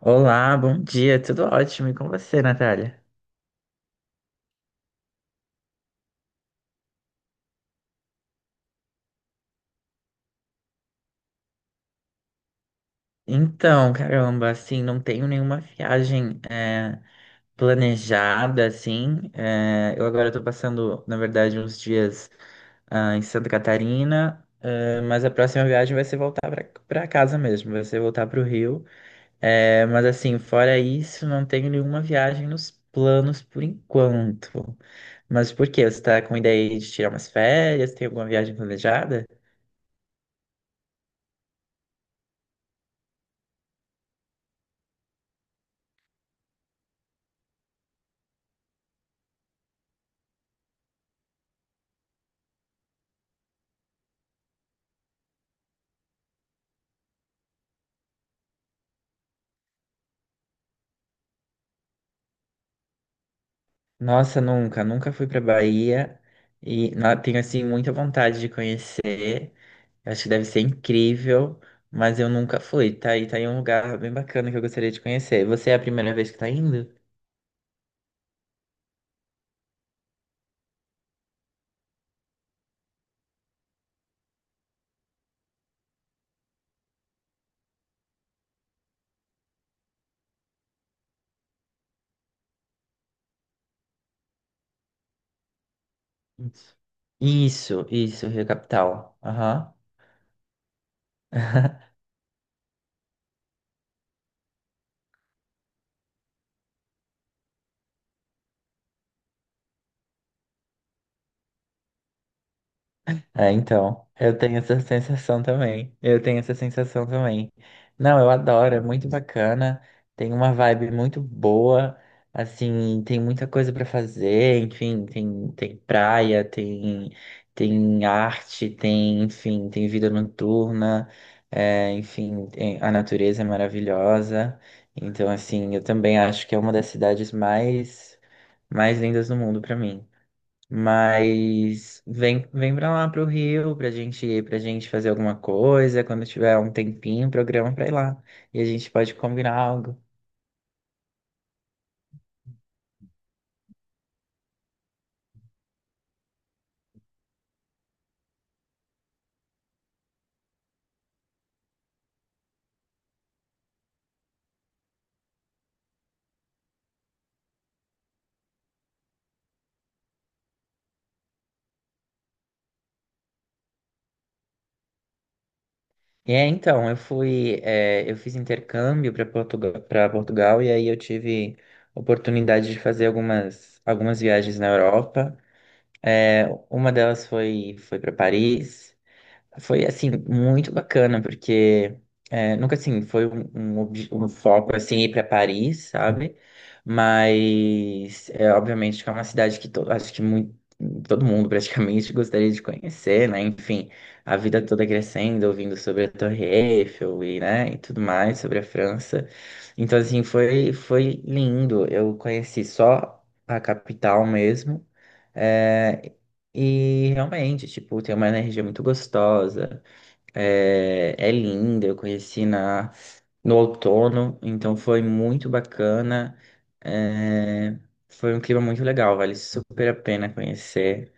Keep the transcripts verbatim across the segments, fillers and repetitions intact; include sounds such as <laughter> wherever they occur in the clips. Olá, bom dia, tudo ótimo. E com você, Natália? Então, caramba, assim, não tenho nenhuma viagem é, planejada, assim. É, eu agora tô passando, na verdade, uns dias ah, em Santa Catarina, é, mas a próxima viagem vai ser voltar pra pra casa mesmo, vai ser voltar pro Rio. É, mas assim, fora isso, não tenho nenhuma viagem nos planos por enquanto. Mas por quê? Você tá com ideia aí de tirar umas férias? Tem alguma viagem planejada? Nossa, nunca, nunca fui pra Bahia e na- tenho assim muita vontade de conhecer. Eu acho que deve ser incrível, mas eu nunca fui. Tá aí, tá aí um lugar bem bacana que eu gostaria de conhecer. Você é a primeira vez que tá indo? Isso, isso, isso, Rio Capital. Aham. É, então, eu tenho essa sensação também. Eu tenho essa sensação também. Não, eu adoro, é muito bacana. Tem uma vibe muito boa. Assim, tem muita coisa pra fazer. Enfim, tem, tem praia, tem, tem arte, tem, enfim, tem vida noturna. É, enfim, tem- a natureza é maravilhosa. Então, assim, eu também acho que é uma das cidades mais, mais lindas do mundo pra mim. Mas vem, vem pra lá pro Rio pra gente, pra gente fazer alguma coisa. Quando tiver um tempinho, programa pra ir lá. E a gente pode combinar algo. E é, então, eu fui, é, eu fiz intercâmbio para Portugal, para Portugal e aí eu tive oportunidade de fazer algumas, algumas viagens na Europa. É, uma delas foi, foi para Paris. Foi, assim, muito bacana, porque é, nunca, assim, foi um, um, obje- um foco, assim, ir para Paris, sabe? Mas, é, obviamente, que é uma cidade que to- acho que muito, todo mundo, praticamente, <laughs> gostaria de conhecer, né? Enfim, a vida toda crescendo, ouvindo sobre a Torre Eiffel e, né, e tudo mais, sobre a França. Então, assim, foi, foi lindo. Eu conheci só a capital mesmo. É, e realmente, tipo, tem uma energia muito gostosa, é, é linda. Eu conheci na, no outono, então foi muito bacana. É, foi um clima muito legal, vale super a pena conhecer.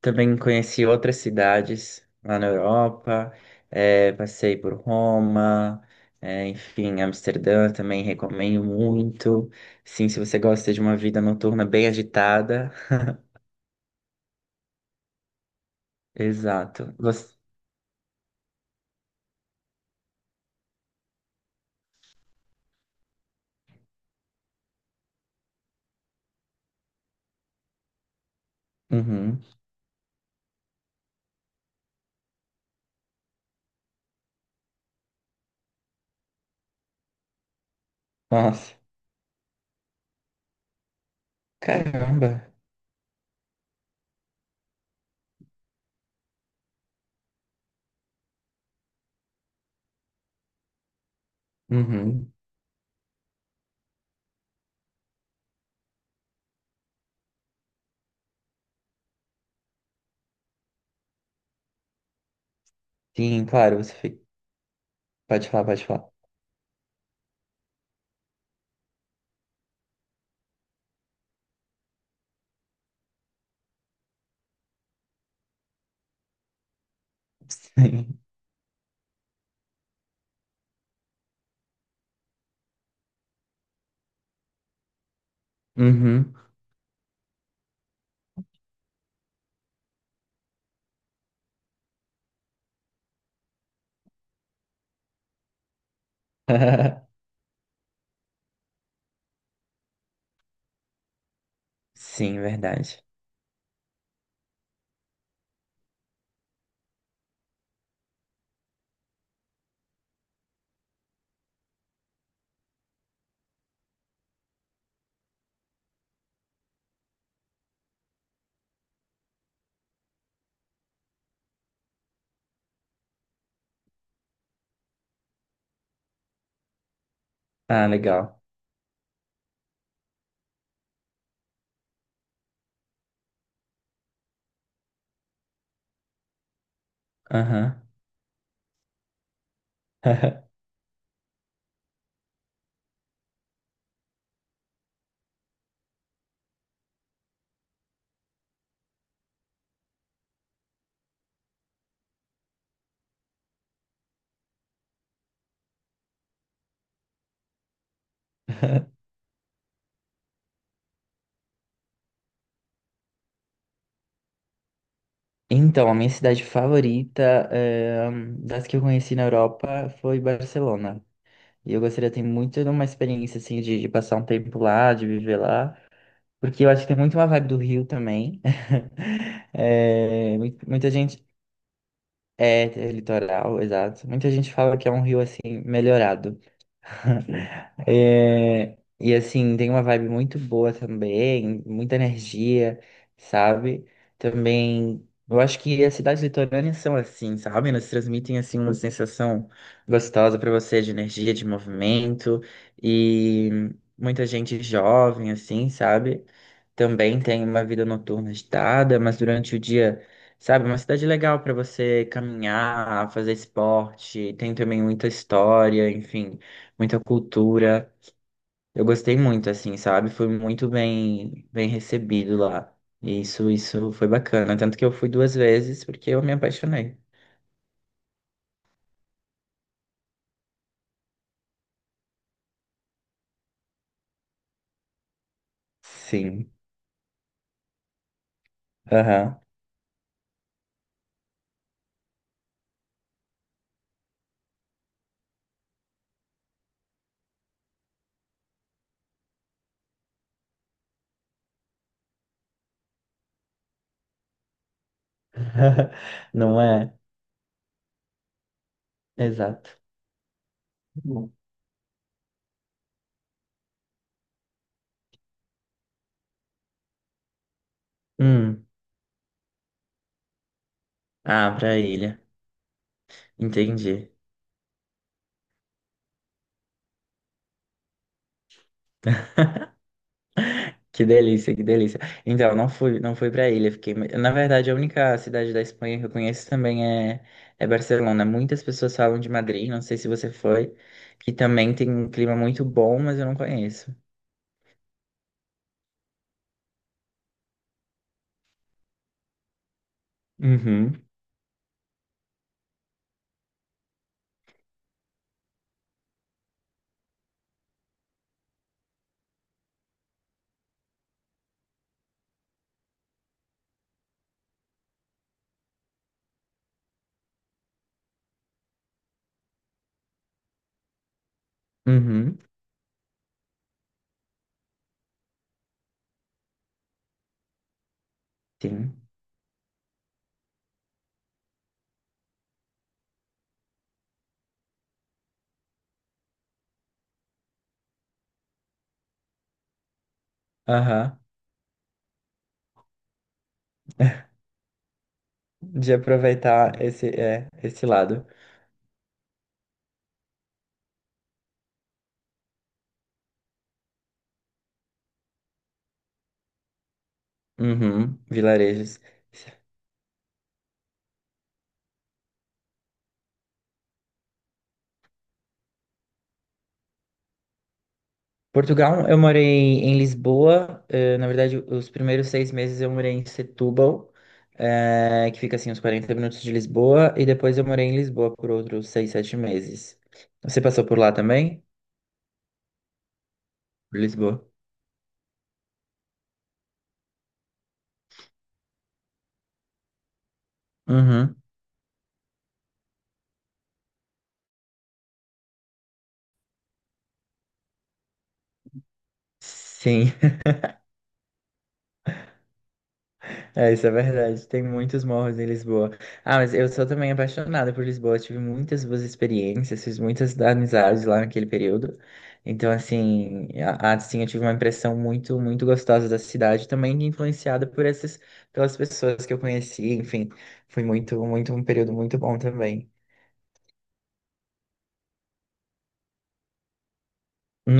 Também conheci outras cidades lá na Europa, é, passei por Roma, é, enfim, Amsterdã também recomendo muito. Sim, se você gosta de uma vida noturna bem agitada, <laughs> exato. Você... uhum. Nossa, caramba. Uhum. Sim, claro, você fica... pode falar, pode falar. Sim. Uhum. <laughs> Sim, verdade. Ah, legal. Aham. <laughs> Então, a minha cidade favorita, eh, das que eu conheci na Europa, foi Barcelona. E eu gostaria de ter muito de uma experiência, assim, de, de passar um tempo lá, de viver lá. Porque eu acho que tem muito uma vibe do Rio também. <laughs> Eh, mu- muita gente, é, é litoral, exato. Muita gente fala que é um rio assim, melhorado. <laughs> É, e assim, tem uma vibe muito boa também, muita energia, sabe? Também, eu acho que as cidades litorâneas são assim, sabe? Elas transmitem assim uma sensação gostosa pra você de energia, de movimento e muita gente jovem assim, sabe? Também tem uma vida noturna agitada, mas durante o dia, sabe, é uma cidade legal para você caminhar, fazer esporte, tem também muita história, enfim muita cultura. Eu gostei muito, assim, sabe? Fui muito bem, bem recebido lá. E Isso, isso foi bacana. Tanto que eu fui duas vezes porque eu me apaixonei. Sim. Aham. <laughs> Não é? Exato. Hum. Ah, pra ilha. Entendi. Que delícia, que delícia. Então, não fui, não fui para ilha, fiquei. Na verdade, a única cidade da Espanha que eu conheço também é, é Barcelona. Muitas pessoas falam de Madrid, não sei se você foi, que também tem um clima muito bom, mas eu não conheço. Uhum. Uhum, sim. Aham. De aproveitar esse, é, esse lado. Uhum, vilarejos. Portugal, eu morei em Lisboa. Eh, na verdade, os primeiros seis meses eu morei em Setúbal, eh, que fica assim uns quarenta minutos de Lisboa, e depois eu morei em Lisboa por outros seis, sete meses. Você passou por lá também? Por Lisboa? Uhum. Sim. É, isso é verdade. Tem muitos morros em Lisboa. Ah, mas eu sou também apaixonada por Lisboa. Tive muitas boas experiências, fiz muitas amizades lá naquele período. Então, assim, a- assim, eu tive uma impressão muito, muito gostosa da cidade, também influenciada por essas, pelas pessoas que eu conheci. Enfim, foi muito, muito um período muito bom também.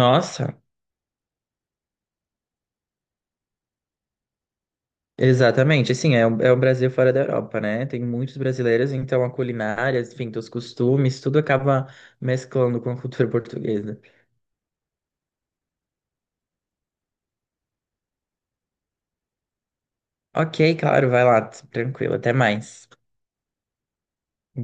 Nossa, exatamente. Assim, é, o- é o Brasil fora da Europa, né? Tem muitos brasileiros, então a culinária, enfim, os costumes, tudo acaba mesclando com a cultura portuguesa. Ok, claro, vai lá, tranquilo, até mais.